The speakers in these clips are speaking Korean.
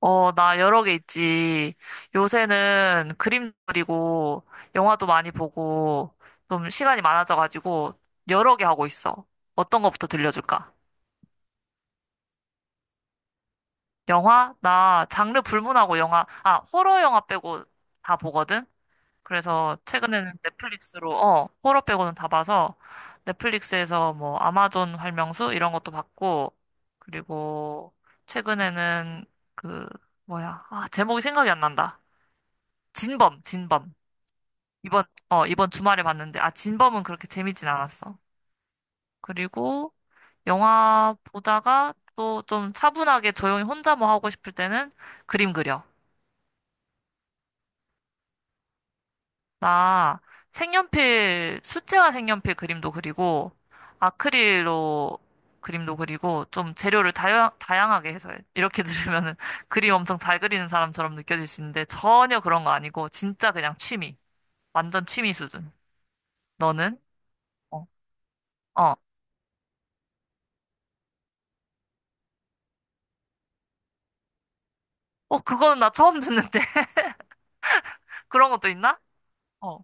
어, 나 여러 개 있지. 요새는 그림 그리고 영화도 많이 보고 좀 시간이 많아져가지고 여러 개 하고 있어. 어떤 거부터 들려줄까? 영화? 나 장르 불문하고 영화, 아, 호러 영화 빼고 다 보거든? 그래서 최근에는 넷플릭스로, 어, 호러 빼고는 다 봐서 넷플릭스에서 뭐 아마존 활명수 이런 것도 봤고, 그리고 최근에는 그, 뭐야, 아, 제목이 생각이 안 난다. 진범, 진범. 이번, 어, 이번 주말에 봤는데, 아, 진범은 그렇게 재밌진 않았어. 그리고 영화 보다가 또 좀 차분하게 조용히 혼자 뭐 하고 싶을 때는 그림 그려. 나 색연필, 수채화 색연필 그림도 그리고, 아크릴로 그림도 그리고, 좀 재료를 다양하게 해서 해. 이렇게 들으면은 그림 엄청 잘 그리는 사람처럼 느껴질 수 있는데, 전혀 그런 거 아니고, 진짜 그냥 취미. 완전 취미 수준. 너는? 어, 어, 어, 그거는 나 처음 듣는데. 그런 것도 있나? 어.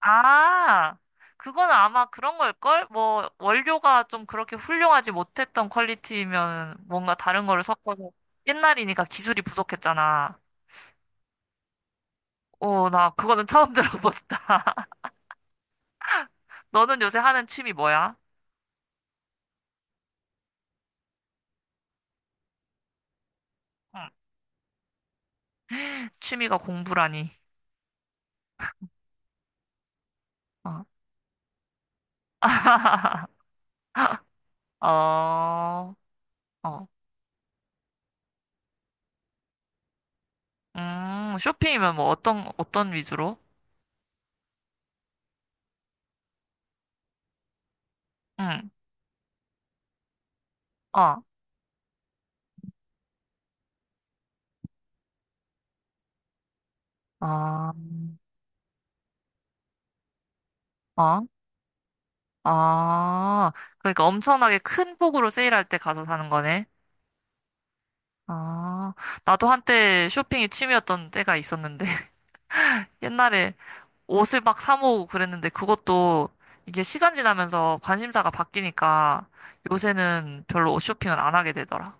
아, 그거는 아마 그런 걸걸? 뭐, 원료가 좀 그렇게 훌륭하지 못했던 퀄리티면 뭔가 다른 거를 섞어서 옛날이니까 기술이 부족했잖아. 오, 나 그거는 처음 들어본다. 너는 요새 하는 취미 뭐야? 응. 취미가 공부라니. 어, 어, 어. 쇼핑이면 뭐 어떤 위주로? 응, 어, 어, 어. 아, 그러니까 엄청나게 큰 폭으로 세일할 때 가서 사는 거네. 아, 나도 한때 쇼핑이 취미였던 때가 있었는데, 옛날에 옷을 막 사 모으고 그랬는데, 그것도 이게 시간 지나면서 관심사가 바뀌니까 요새는 별로 옷 쇼핑은 안 하게 되더라.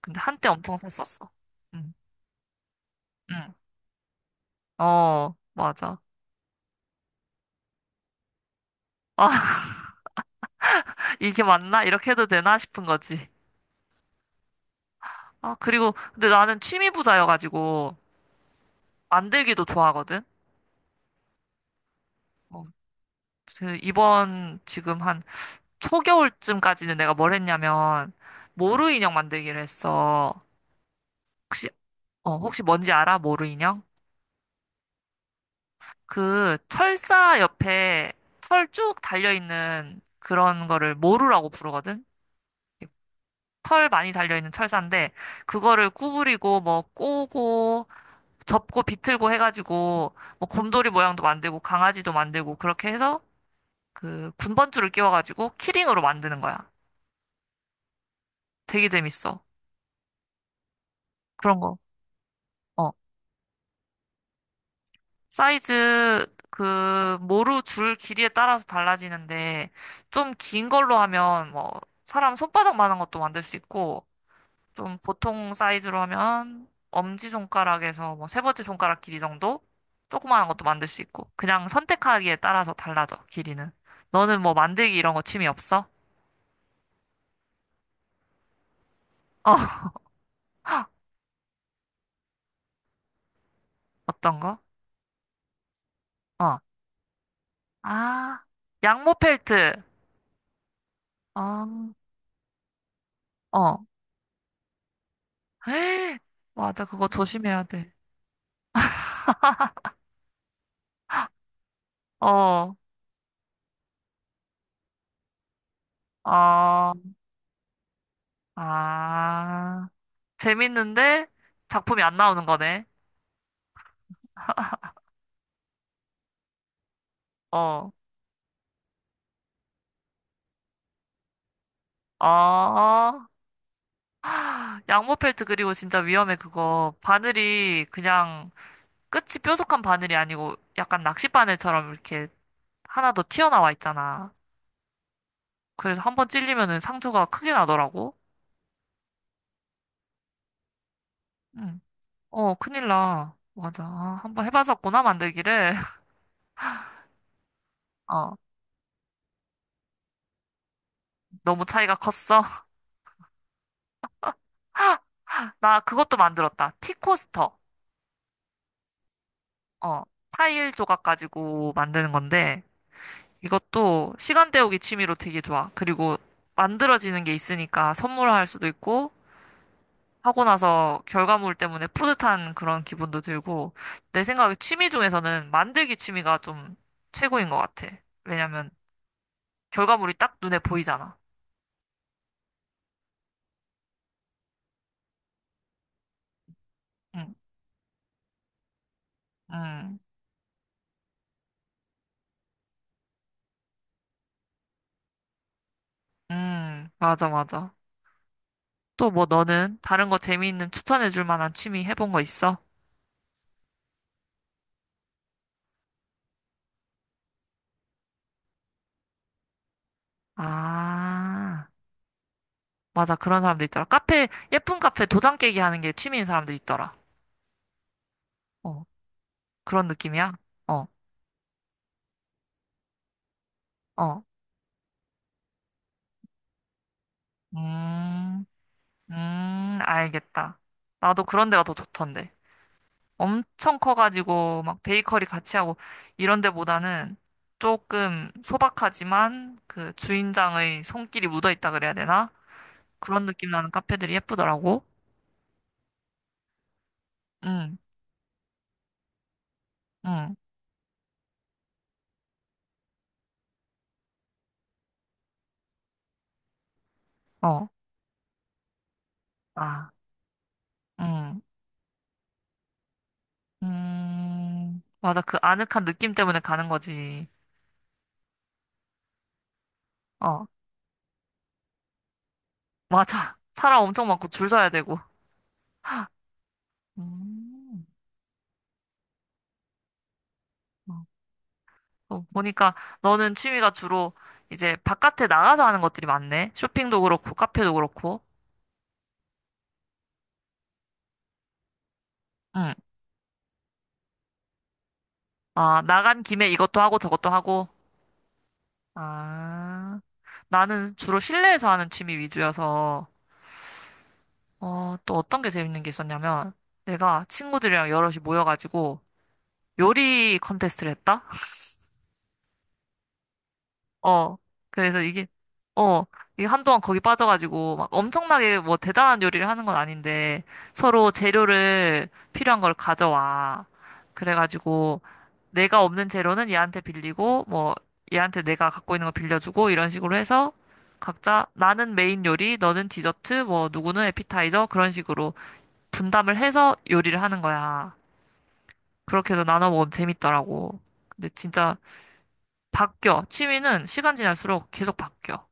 근데 한때 엄청 샀었어. 응, 응. 어, 맞아. 아, 이게 맞나? 이렇게 해도 되나 싶은 거지. 아, 그리고, 근데 나는 취미 부자여가지고, 만들기도 좋아하거든? 어, 그 이번 지금 한 초겨울쯤까지는 내가 뭘 했냐면 모루 인형 만들기를 했어. 혹시 어 혹시 뭔지 알아? 모루 인형? 그 철사 옆에 털 쭉 달려 있는 그런 거를 모루라고 부르거든. 털 많이 달려 있는 철사인데 그거를 구부리고 뭐 꼬고 접고 비틀고 해가지고 뭐 곰돌이 모양도 만들고 강아지도 만들고 그렇게 해서 그 군번줄을 끼워가지고 키링으로 만드는 거야. 되게 재밌어. 그런 거. 어, 사이즈 그 모루 줄 길이에 따라서 달라지는데 좀 긴 걸로 하면 뭐 사람 손바닥만한 것도 만들 수 있고 좀 보통 사이즈로 하면 엄지손가락에서 뭐 3번째 손가락 길이 정도 조그마한 것도 만들 수 있고 그냥 선택하기에 따라서 달라져 길이는. 너는 뭐 만들기 이런 거 취미 없어? 어 어떤 거? 어. 아 양모 펠트. 어, 어. 에이, 맞아 그거 조심해야 돼. 어. 아, 아, 재밌는데 작품이 안 나오는 거네. 어, 어, 어. 양모펠트 그리고 진짜 위험해 그거. 바늘이 그냥 끝이 뾰족한 바늘이 아니고 약간 낚싯바늘처럼 이렇게 하나 더 튀어나와 있잖아. 그래서 한 번 찔리면은 상처가 크게 나더라고. 응. 어, 큰일 나. 맞아. 아, 한번 해봤었구나 만들기를. 어, 너무 차이가 컸어. 나 그것도 만들었다. 티코스터. 어, 타일 조각 가지고 만드는 건데. 이것도 시간 때우기 취미로 되게 좋아. 그리고 만들어지는 게 있으니까 선물할 수도 있고, 하고 나서 결과물 때문에 뿌듯한 그런 기분도 들고, 내 생각에 취미 중에서는 만들기 취미가 좀 최고인 것 같아. 왜냐면 결과물이 딱 눈에 보이잖아. 응, 응, 응, 맞아, 맞아. 또 뭐 너는 다른 거 재미있는 추천해줄 만한 취미 해본 거 있어? 아, 맞아. 그런 사람들 있더라. 카페, 예쁜 카페 도장 깨기 하는 게 취미인 사람들 있더라. 어. 그런 느낌이야? 어, 어. 음, 알겠다. 나도 그런 데가 더 좋던데. 엄청 커가지고, 막 베이커리 같이 하고, 이런 데보다는 조금 소박하지만, 그 주인장의 손길이 묻어있다 그래야 되나? 그런 느낌 나는 카페들이 예쁘더라고. 응, 응, 어, 아, 응, 맞아. 그 아늑한 느낌 때문에 가는 거지. 어, 맞아. 사람 엄청 많고 줄 서야 되고. 음. 어. 어, 보니까 너는 취미가 주로 이제 바깥에 나가서 하는 것들이 많네. 쇼핑도 그렇고, 카페도 그렇고. 응. 아, 나간 김에 이것도 하고 저것도 하고. 아, 나는 주로 실내에서 하는 취미 위주여서, 어, 또 어떤 게 재밌는 게 있었냐면, 내가 친구들이랑 여럿이 모여가지고 요리 컨테스트를 했다? 어. 그래서 이게, 어, 이게 한동안 거기 빠져가지고, 막 엄청나게 뭐 대단한 요리를 하는 건 아닌데, 서로 재료를 필요한 걸 가져와. 그래가지고, 내가 없는 재료는 얘한테 빌리고, 뭐, 얘한테 내가 갖고 있는 거 빌려주고, 이런 식으로 해서, 각자, 나는 메인 요리, 너는 디저트, 뭐, 누구는 에피타이저, 그런 식으로 분담을 해서 요리를 하는 거야. 그렇게 해서 나눠 먹으면 재밌더라고. 근데 진짜 바뀌어. 취미는 시간 지날수록 계속 바뀌어.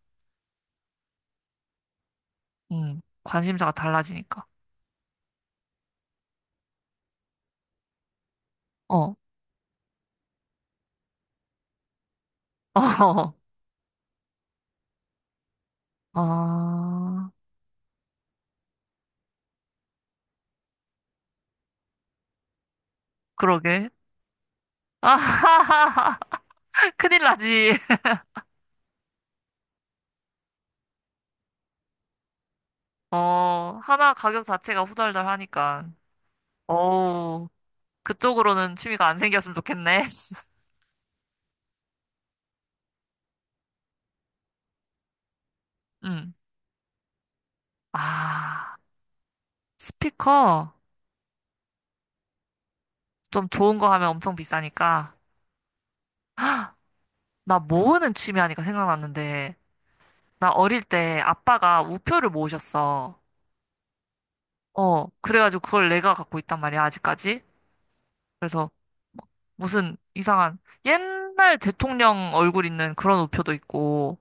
관심사가 달라지니까. 어, 어, 아, 그러게. 아 큰일 나지. 어, 하나 가격 자체가 후덜덜하니까. 어우, 그쪽으로는 취미가 안 생겼으면 좋겠네. 음, 아, 스피커 좀 좋은 거 하면 엄청 비싸니까. 나 모으는 취미 하니까 생각났는데, 나 어릴 때 아빠가 우표를 모으셨어. 어, 그래가지고 그걸 내가 갖고 있단 말이야, 아직까지. 그래서 무슨 이상한 옛날 대통령 얼굴 있는 그런 우표도 있고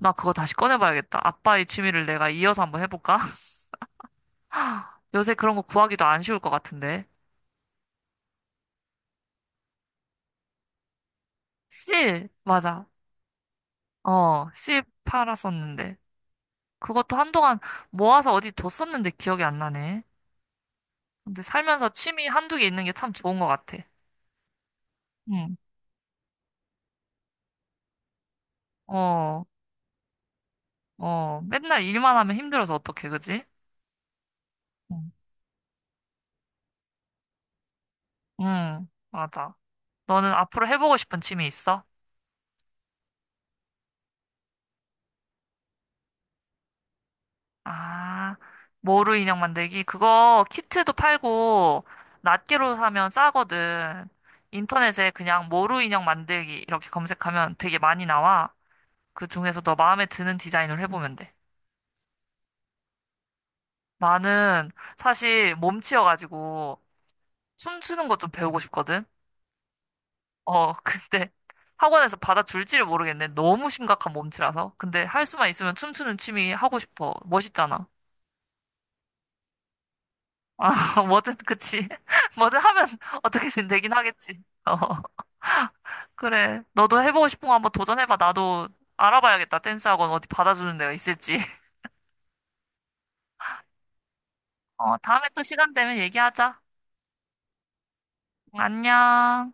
나 그거 다시 꺼내봐야겠다. 아빠의 취미를 내가 이어서 한번 해볼까? 요새 그런 거 구하기도 안 쉬울 것 같은데. 실, 맞아. 어, 실 팔았었는데. 그것도 한동안 모아서 어디 뒀었는데 기억이 안 나네. 근데 살면서 취미 한두 개 있는 게 참 좋은 것 같아. 응, 어, 어. 맨날 일만 하면 힘들어서 어떡해, 그지? 응, 응, 맞아. 너는 앞으로 해보고 싶은 취미 있어? 아, 모루 인형 만들기. 그거 키트도 팔고, 낱개로 사면 싸거든. 인터넷에 그냥 모루 인형 만들기 이렇게 검색하면 되게 많이 나와. 그 중에서 너 마음에 드는 디자인을 해보면 돼. 나는 사실 몸치여가지고 춤추는 것 좀 배우고 싶거든. 어, 근데 학원에서 받아줄지를 모르겠네. 너무 심각한 몸치라서. 근데 할 수만 있으면 춤추는 취미 하고 싶어. 멋있잖아. 아, 뭐든, 그치. 뭐든 하면 어떻게든 되긴 하겠지. 어, 그래. 너도 해보고 싶은 거 한번 도전해봐. 나도 알아봐야겠다. 댄스 학원 어디 받아주는 데가 있을지. 어, 다음에 또 시간 되면 얘기하자. 안녕.